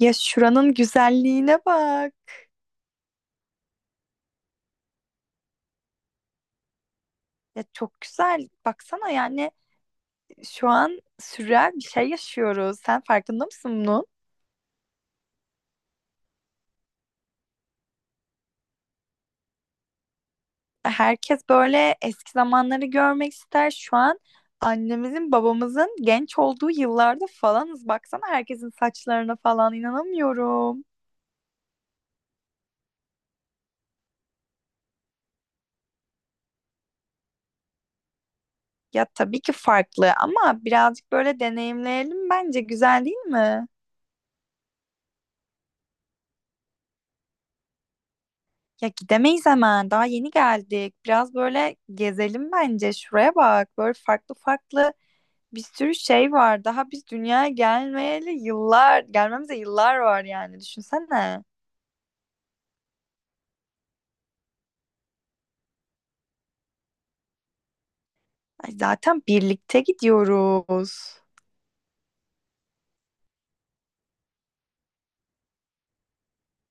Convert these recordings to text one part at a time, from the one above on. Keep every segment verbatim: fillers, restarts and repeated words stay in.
Ya şuranın güzelliğine bak. Ya çok güzel. Baksana yani şu an sürreal bir şey yaşıyoruz. Sen farkında mısın bunun? Herkes böyle eski zamanları görmek ister. Şu an annemizin, babamızın genç olduğu yıllarda falanız. Baksana herkesin saçlarına falan inanamıyorum. Ya tabii ki farklı ama birazcık böyle deneyimleyelim bence. Güzel değil mi? Ya gidemeyiz hemen. Daha yeni geldik. Biraz böyle gezelim bence. Şuraya bak. Böyle farklı farklı bir sürü şey var. Daha biz dünyaya gelmeyeli yıllar, gelmemize yıllar var yani. Düşünsene. Ay zaten birlikte gidiyoruz.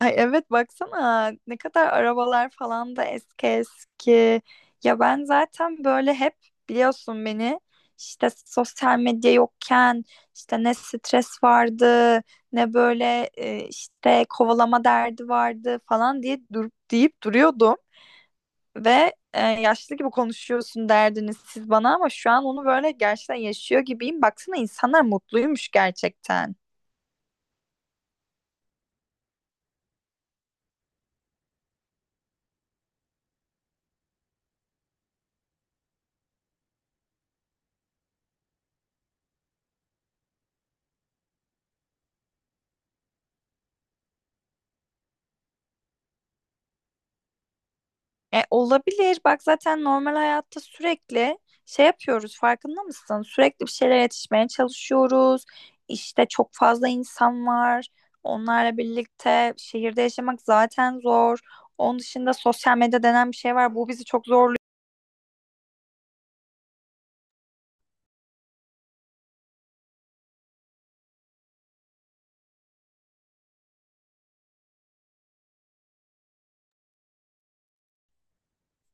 Ay evet baksana ne kadar arabalar falan da eski eski. Ya ben zaten böyle hep biliyorsun beni işte sosyal medya yokken işte ne stres vardı ne böyle e, işte kovalama derdi vardı falan diye durup deyip duruyordum. Ve e, yaşlı gibi konuşuyorsun derdiniz siz bana ama şu an onu böyle gerçekten yaşıyor gibiyim. Baksana insanlar mutluymuş gerçekten. E, olabilir. Bak zaten normal hayatta sürekli şey yapıyoruz. Farkında mısın? Sürekli bir şeylere yetişmeye çalışıyoruz. İşte çok fazla insan var. Onlarla birlikte şehirde yaşamak zaten zor. Onun dışında sosyal medya denen bir şey var. Bu bizi çok zorluyor.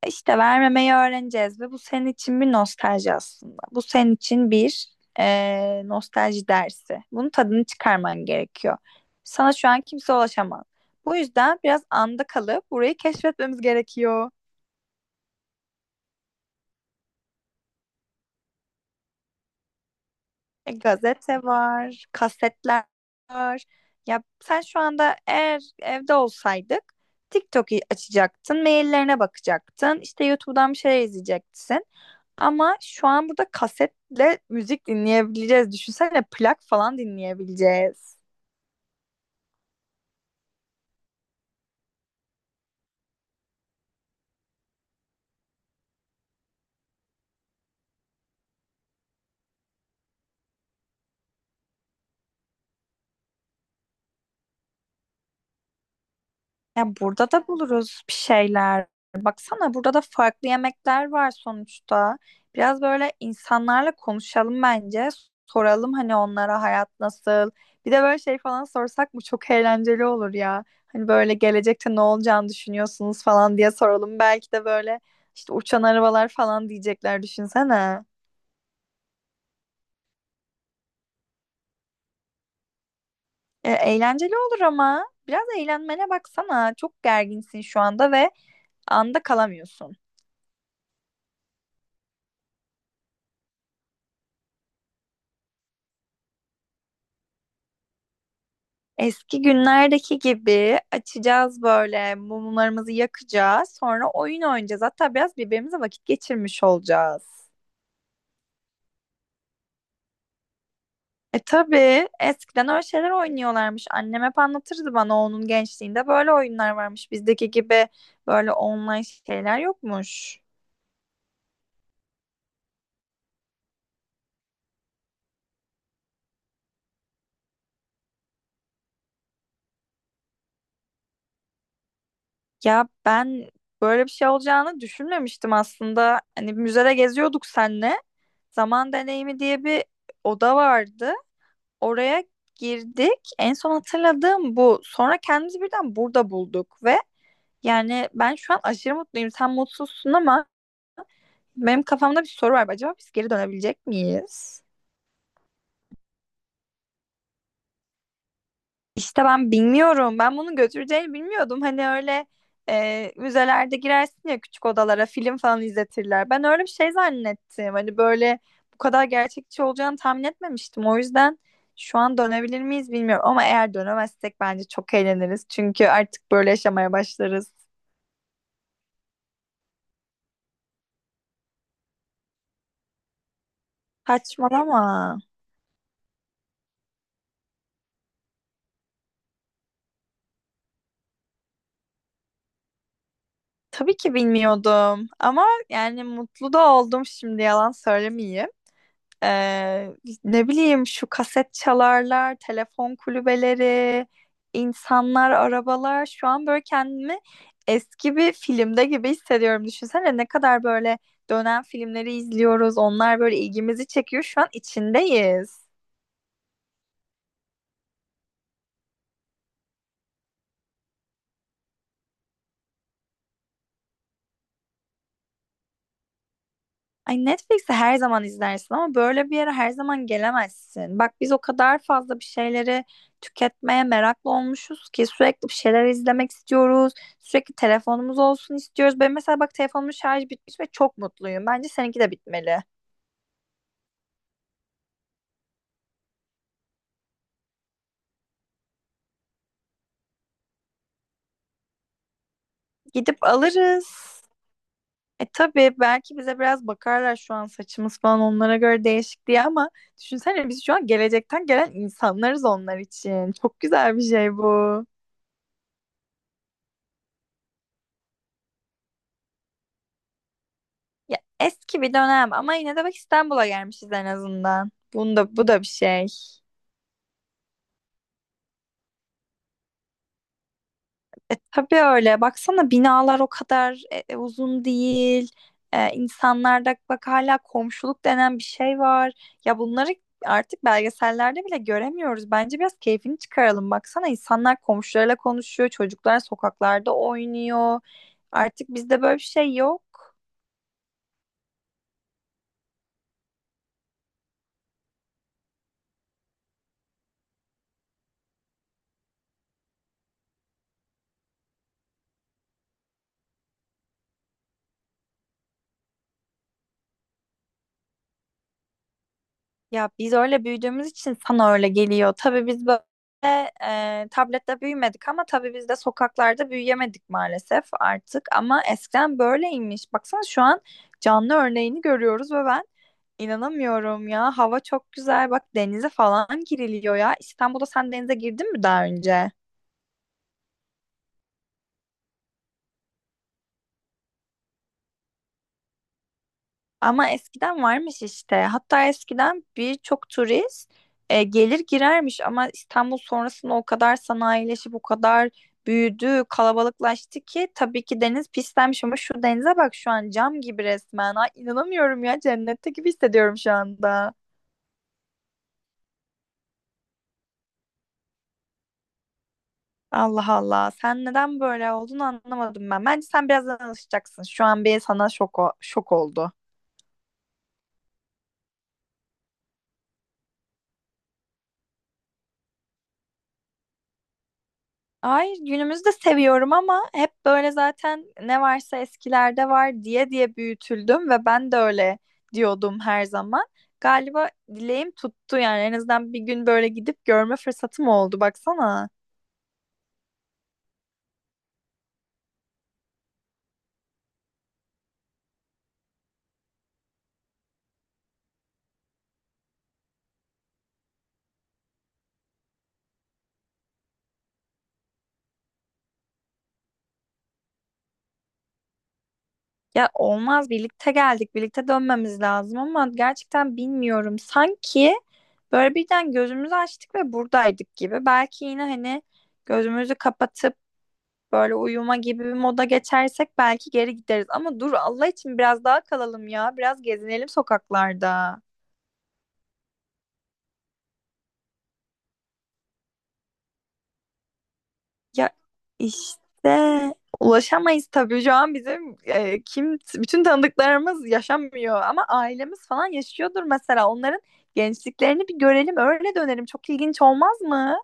İşte vermemeyi öğreneceğiz ve bu senin için bir nostalji aslında. Bu senin için bir eee, nostalji dersi. Bunun tadını çıkarman gerekiyor. Sana şu an kimse ulaşamaz. Bu yüzden biraz anda kalıp burayı keşfetmemiz gerekiyor. E, gazete var, kasetler var. Ya sen şu anda eğer evde olsaydık TikTok'u açacaktın, maillerine bakacaktın, işte YouTube'dan bir şeyler izleyeceksin. Ama şu an burada kasetle müzik dinleyebileceğiz. Düşünsene plak falan dinleyebileceğiz. Ya burada da buluruz bir şeyler. Baksana burada da farklı yemekler var sonuçta. Biraz böyle insanlarla konuşalım bence. Soralım hani onlara hayat nasıl. Bir de böyle şey falan sorsak mı çok eğlenceli olur ya. Hani böyle gelecekte ne olacağını düşünüyorsunuz falan diye soralım. Belki de böyle işte uçan arabalar falan diyecekler düşünsene. E, eğlenceli olur ama biraz eğlenmene baksana. Çok gerginsin şu anda ve anda kalamıyorsun. Eski günlerdeki gibi açacağız böyle mumlarımızı yakacağız. Sonra oyun oynayacağız. Hatta biraz birbirimize vakit geçirmiş olacağız. E tabii eskiden öyle şeyler oynuyorlarmış. Annem hep anlatırdı bana onun gençliğinde böyle oyunlar varmış. Bizdeki gibi böyle online şeyler yokmuş. Ya ben böyle bir şey olacağını düşünmemiştim aslında. Hani müzede geziyorduk senle. Zaman deneyimi diye bir oda vardı. Oraya girdik. En son hatırladığım bu. Sonra kendimizi birden burada bulduk ve yani ben şu an aşırı mutluyum. Sen mutsuzsun ama benim kafamda bir soru var. Acaba biz geri dönebilecek miyiz? İşte ben bilmiyorum. Ben bunun götüreceğini bilmiyordum. Hani öyle e, müzelerde girersin ya küçük odalara film falan izletirler. Ben öyle bir şey zannettim. Hani böyle bu kadar gerçekçi olacağını tahmin etmemiştim. O yüzden şu an dönebilir miyiz bilmiyorum. Ama eğer dönemezsek bence çok eğleniriz. Çünkü artık böyle yaşamaya başlarız. Saçmalama. Tabii ki bilmiyordum. Ama yani mutlu da oldum şimdi yalan söylemeyeyim. Ee, ne bileyim şu kaset çalarlar, telefon kulübeleri, insanlar, arabalar. Şu an böyle kendimi eski bir filmde gibi hissediyorum. Düşünsene ne kadar böyle dönen filmleri izliyoruz. Onlar böyle ilgimizi çekiyor. Şu an içindeyiz. Ay Netflix'i her zaman izlersin ama böyle bir yere her zaman gelemezsin. Bak biz o kadar fazla bir şeyleri tüketmeye meraklı olmuşuz ki sürekli bir şeyler izlemek istiyoruz. Sürekli telefonumuz olsun istiyoruz. Ben mesela bak telefonumun şarjı bitmiş ve çok mutluyum. Bence seninki de bitmeli. Gidip alırız. E tabii belki bize biraz bakarlar şu an saçımız falan onlara göre değişik diye ama düşünsene biz şu an gelecekten gelen insanlarız onlar için. Çok güzel bir şey bu. Ya eski bir dönem ama yine de bak İstanbul'a gelmişiz en azından. Bunda bu da bir şey. E, tabii öyle. Baksana binalar o kadar e, e, uzun değil. E, insanlarda bak hala komşuluk denen bir şey var. Ya bunları artık belgesellerde bile göremiyoruz. Bence biraz keyfini çıkaralım. Baksana insanlar komşularıyla konuşuyor, çocuklar sokaklarda oynuyor. Artık bizde böyle bir şey yok. Ya biz öyle büyüdüğümüz için sana öyle geliyor. Tabii biz böyle e, tablette büyümedik ama tabii biz de sokaklarda büyüyemedik maalesef artık. Ama eskiden böyleymiş. Baksana şu an canlı örneğini görüyoruz ve ben inanamıyorum ya. Hava çok güzel. Bak denize falan giriliyor ya. İstanbul'da sen denize girdin mi daha önce? Ama eskiden varmış işte. Hatta eskiden birçok turist e, gelir girermiş ama İstanbul sonrasında o kadar sanayileşip o kadar büyüdü, kalabalıklaştı ki tabii ki deniz pislenmiş ama şu denize bak şu an cam gibi resmen. Ay, inanamıyorum ya cennette gibi hissediyorum şu anda. Allah Allah. Sen neden böyle olduğunu anlamadım ben. Bence sen birazdan alışacaksın. Şu an bir sana şok, o- şok oldu. Hayır, günümüzde seviyorum ama hep böyle zaten ne varsa eskilerde var diye diye büyütüldüm ve ben de öyle diyordum her zaman. Galiba dileğim tuttu yani en azından bir gün böyle gidip görme fırsatım oldu baksana. Ya olmaz birlikte geldik birlikte dönmemiz lazım ama gerçekten bilmiyorum. Sanki böyle birden gözümüzü açtık ve buradaydık gibi. Belki yine hani gözümüzü kapatıp böyle uyuma gibi bir moda geçersek belki geri gideriz. Ama dur Allah için biraz daha kalalım ya. Biraz gezinelim sokaklarda. Ya işte ulaşamayız tabii. Şu an bizim e, kim bütün tanıdıklarımız yaşamıyor ama ailemiz falan yaşıyordur mesela. Onların gençliklerini bir görelim, öyle dönelim. Çok ilginç olmaz mı?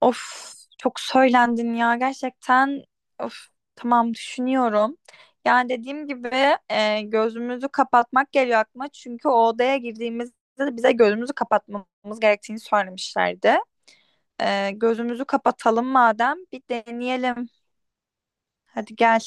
Of çok söylendin ya gerçekten. Of tamam düşünüyorum. Yani dediğim gibi e, gözümüzü kapatmak geliyor aklıma. Çünkü o odaya girdiğimizde de bize gözümüzü kapatmamız gerektiğini söylemişlerdi. E, gözümüzü kapatalım madem bir deneyelim. Hadi gel.